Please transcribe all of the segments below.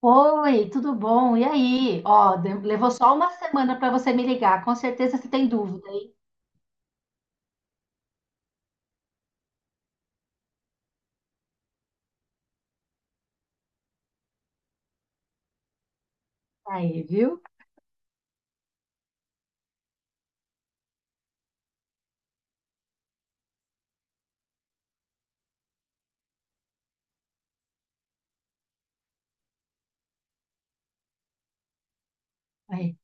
Oi, tudo bom? E aí? Ó, levou só uma semana para você me ligar. Com certeza você tem dúvida, hein? Aí, viu? Aí.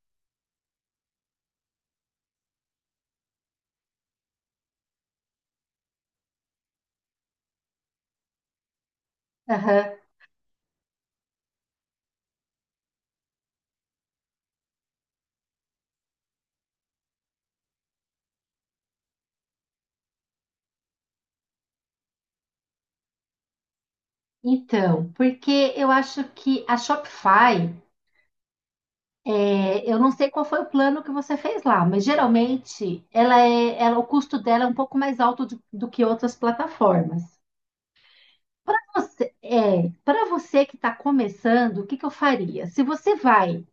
Aham. Então, porque eu acho que a Shopify, é, eu não sei qual foi o plano que você fez lá, mas geralmente ela é, ela, o custo dela é um pouco mais alto do que outras plataformas. É, para você que está começando, o que que eu faria? Se você vai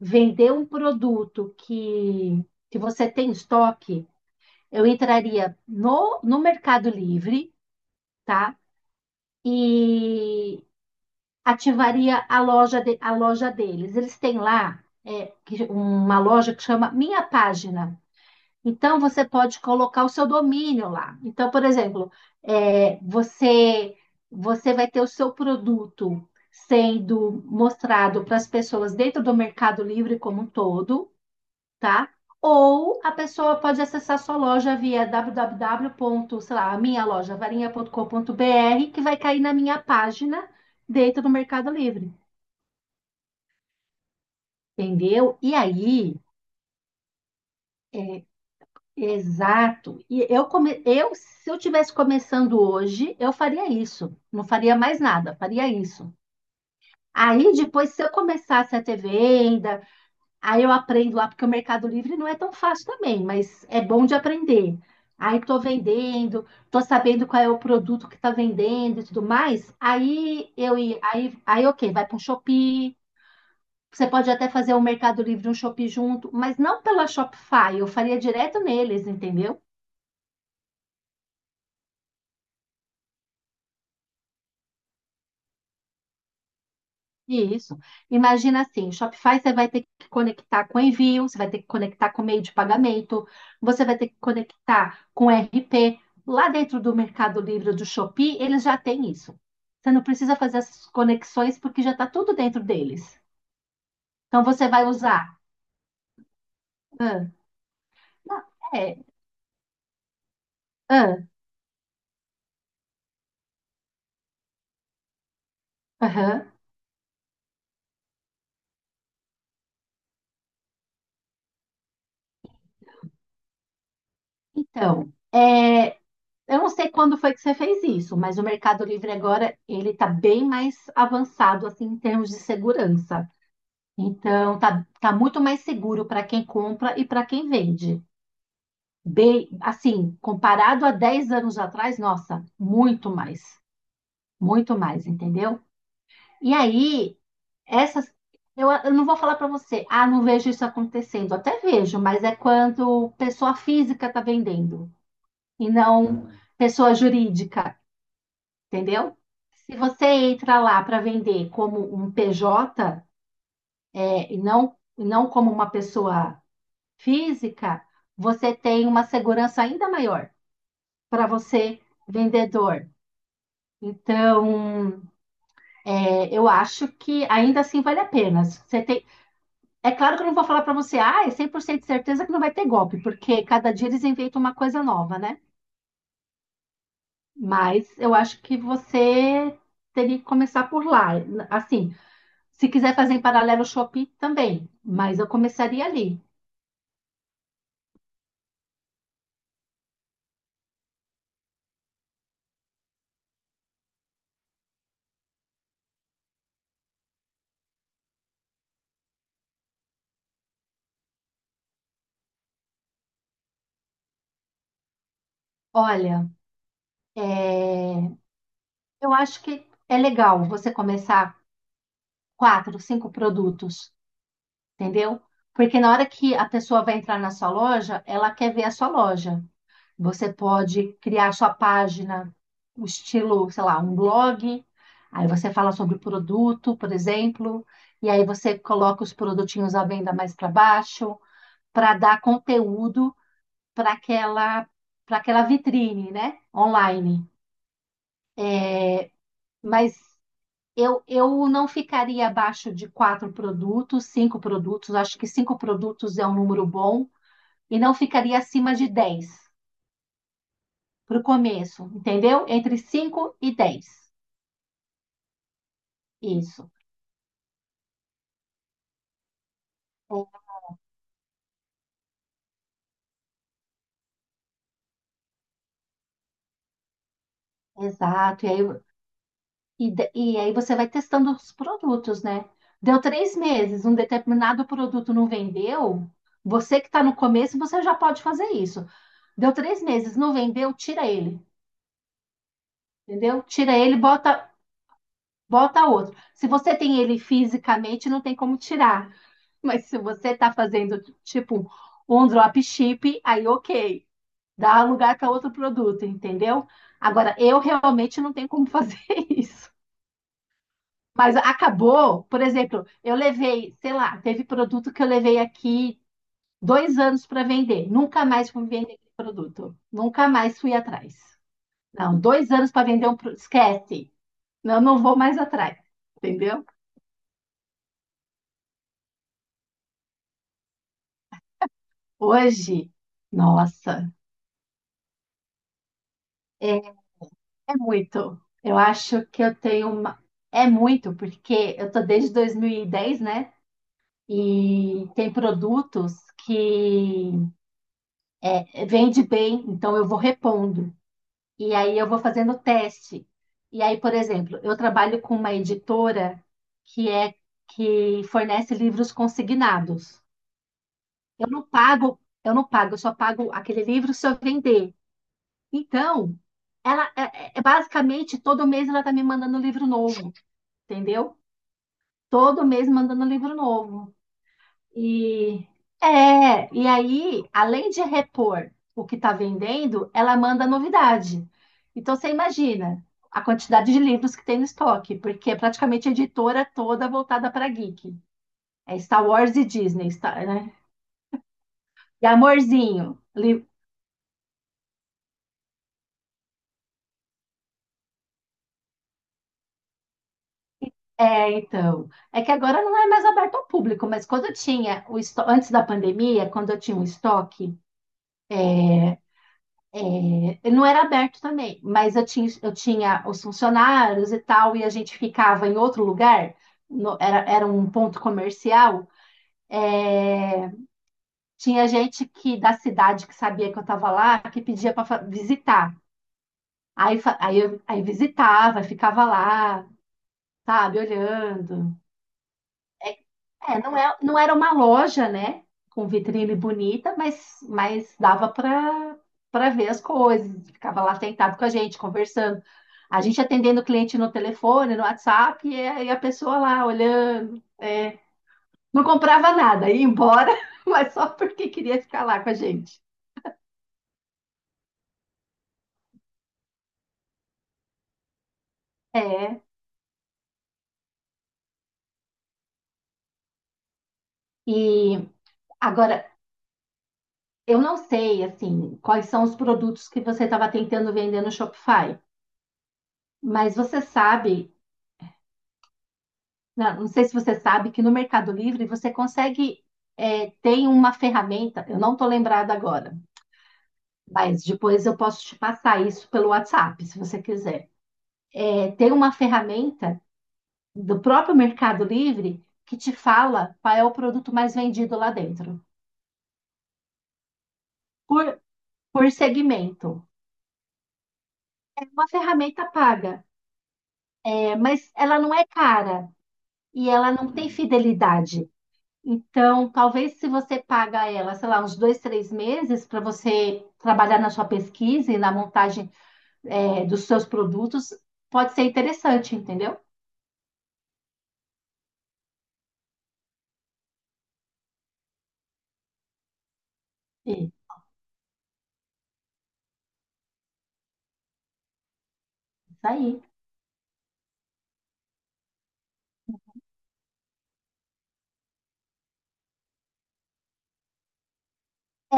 vender um produto que você tem em estoque. Eu entraria no Mercado Livre, tá? E ativaria a loja, a loja deles. Eles têm lá uma loja que chama Minha Página. Então, você pode colocar o seu domínio lá. Então, por exemplo, é, você vai ter o seu produto sendo mostrado para as pessoas dentro do Mercado Livre como um todo, tá? Ou a pessoa pode acessar sua loja via www. Sei lá, minhalojavarinha.com.br, que vai cair na minha página dentro do Mercado Livre, entendeu? E aí, é, exato. E se eu tivesse começando hoje, eu faria isso. Não faria mais nada, faria isso. Aí depois, se eu começasse a ter vendas. Aí eu aprendo lá, porque o Mercado Livre não é tão fácil também, mas é bom de aprender. Aí estou vendendo, estou sabendo qual é o produto que está vendendo e tudo mais. Aí, aí ok, vai para um Shopee. Você pode até fazer um Mercado Livre e um Shopee junto, mas não pela Shopify, eu faria direto neles, entendeu? Isso. Imagina assim, o Shopify você vai ter que conectar com envio, você vai ter que conectar com meio de pagamento, você vai ter que conectar com RP. Lá dentro do Mercado Livre do Shopee, eles já têm isso. Você não precisa fazer essas conexões porque já está tudo dentro deles. Então você vai usar. Ah, não, é, ah, aham. Então, é, eu não sei quando foi que você fez isso, mas o Mercado Livre agora ele está bem mais avançado assim em termos de segurança. Então, tá, tá muito mais seguro para quem compra e para quem vende. Bem, assim, comparado a 10 anos atrás, nossa, muito mais, entendeu? E aí, essas, eu não vou falar para você, ah, não vejo isso acontecendo. Até vejo, mas é quando pessoa física está vendendo e não pessoa jurídica, entendeu? Se você entra lá para vender como um PJ, é, e não como uma pessoa física, você tem uma segurança ainda maior para você, vendedor. Então, é, eu acho que ainda assim vale a pena. Você tem... É claro que eu não vou falar para você, ah, é 100% de certeza que não vai ter golpe, porque cada dia eles inventam uma coisa nova, né? Mas eu acho que você teria que começar por lá. Assim, se quiser fazer em paralelo o Shopee, também, mas eu começaria ali. Olha, é, eu acho que é legal você começar quatro, cinco produtos, entendeu? Porque na hora que a pessoa vai entrar na sua loja, ela quer ver a sua loja. Você pode criar sua página, o estilo, sei lá, um blog. Aí você fala sobre o produto, por exemplo, e aí você coloca os produtinhos à venda mais para baixo, para dar conteúdo para aquela para aquela vitrine, né? Online. Mas eu não ficaria abaixo de quatro produtos, cinco produtos, acho que cinco produtos é um número bom, e não ficaria acima de 10 para o começo, entendeu? Entre 5 e 10. Isso. É, exato. E aí, e aí você vai testando os produtos, né? Deu 3 meses, um determinado produto não vendeu. Você que está no começo, você já pode fazer isso. Deu três meses, não vendeu, tira ele, entendeu? Tira ele, bota outro. Se você tem ele fisicamente, não tem como tirar. Mas se você tá fazendo tipo um drop ship, aí ok, dá lugar para outro produto, entendeu? Agora, eu realmente não tenho como fazer isso. Mas acabou, por exemplo, eu levei, sei lá, teve produto que eu levei aqui 2 anos para vender. Nunca mais fui vender aquele produto. Nunca mais fui atrás. Não, 2 anos para vender um produto. Esquece. Não, não vou mais atrás. Entendeu? Hoje, nossa, é, é muito. Eu acho que eu tenho uma. É muito, porque eu tô desde 2010, né? E tem produtos que é, vende bem, então eu vou repondo. E aí eu vou fazendo teste. E aí, por exemplo, eu trabalho com uma editora que é que fornece livros consignados. Eu não pago, eu não pago, eu só pago aquele livro se eu vender. Então, ela é, é basicamente todo mês ela tá me mandando um livro novo, entendeu? Todo mês mandando um livro novo. E é, e aí, além de repor o que tá vendendo, ela manda novidade. Então você imagina a quantidade de livros que tem no estoque, porque é praticamente a editora toda voltada para geek. É Star Wars e Disney, Star, né? E Amorzinho. É, então. É que agora não é mais aberto ao público, mas quando eu tinha o antes da pandemia, quando eu tinha o estoque, eh, não era aberto também, mas eu tinha os funcionários e tal, e a gente ficava em outro lugar, era um ponto comercial. Eh, tinha gente que da cidade que sabia que eu estava lá, que pedia para visitar. Aí, fa- aí, eu- aí visitava, ficava lá, sabe, olhando. É, não era uma loja, né? Com vitrine bonita, mas dava para para ver as coisas. Ficava lá sentado com a gente, conversando. A gente atendendo o cliente no telefone, no WhatsApp, e a pessoa lá olhando. É. Não comprava nada, ia embora, mas só porque queria ficar lá com a gente. É. E agora, eu não sei, assim, quais são os produtos que você estava tentando vender no Shopify, mas você sabe. Não, não sei se você sabe que no Mercado Livre você consegue, é, tem uma ferramenta, eu não estou lembrada agora, mas depois eu posso te passar isso pelo WhatsApp, se você quiser. É, tem uma ferramenta do próprio Mercado Livre que te fala qual é o produto mais vendido lá dentro, por, por segmento. É uma ferramenta paga, é, mas ela não é cara e ela não tem fidelidade. Então, talvez se você paga ela, sei lá, uns 2, 3 meses para você trabalhar na sua pesquisa e na montagem, é, dos seus produtos, pode ser interessante, entendeu? Isso aí.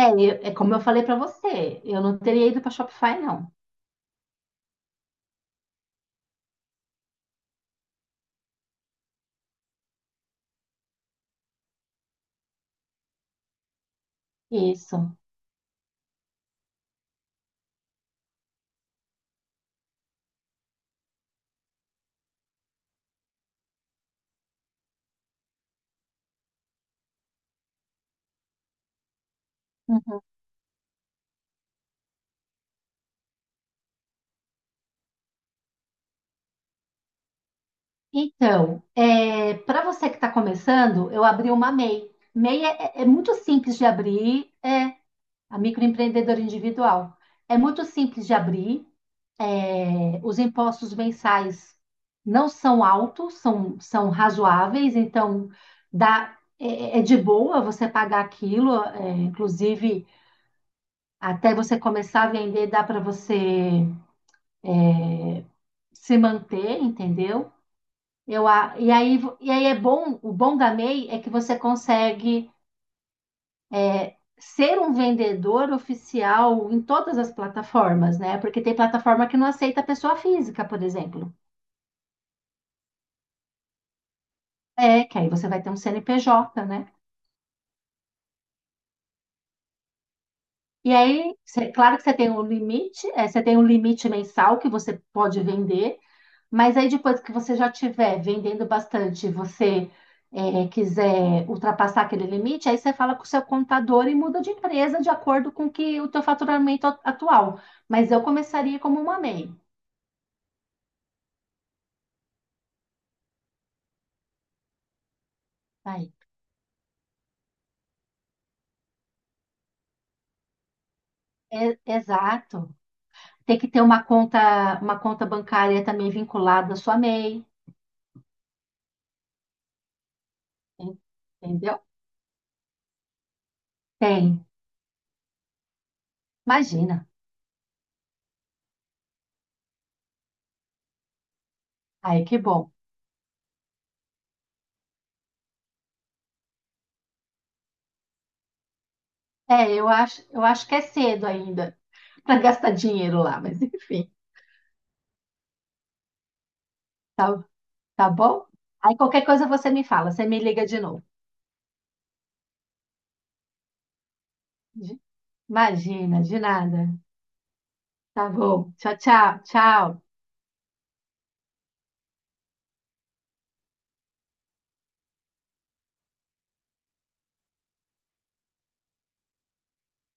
É, é como eu falei para você, eu não teria ido para Shopify, não. Isso. Uhum. Então, para você que está começando, eu abri uma MEI. MEI é, é muito simples de abrir, é, a microempreendedora individual. É muito simples de abrir, é, os impostos mensais não são altos, são razoáveis, então dá, é de boa você pagar aquilo, é, inclusive até você começar a vender, dá para você se manter, entendeu? Eu, a- e aí é bom, o bom da MEI é que você consegue ser um vendedor oficial em todas as plataformas, né? Porque tem plataforma que não aceita pessoa física, por exemplo. É, que aí você vai ter um CNPJ, né? E aí, claro que você tem um limite, é, você tem um limite mensal que você pode vender, mas aí depois que você já tiver vendendo bastante, e você quiser ultrapassar aquele limite, aí você fala com o seu contador e muda de empresa de acordo com que o teu faturamento atual. Mas eu começaria como uma MEI. Aí. É, exato. Tem que ter uma conta bancária também vinculada à sua MEI, en- entendeu? Tem, imagina. Aí que bom. Eu acho que é cedo ainda para gastar dinheiro lá, mas enfim, tá, tá bom? Aí qualquer coisa você me fala, você me liga de novo. Imagina, de nada. Tá bom. Tchau, tchau, tchau.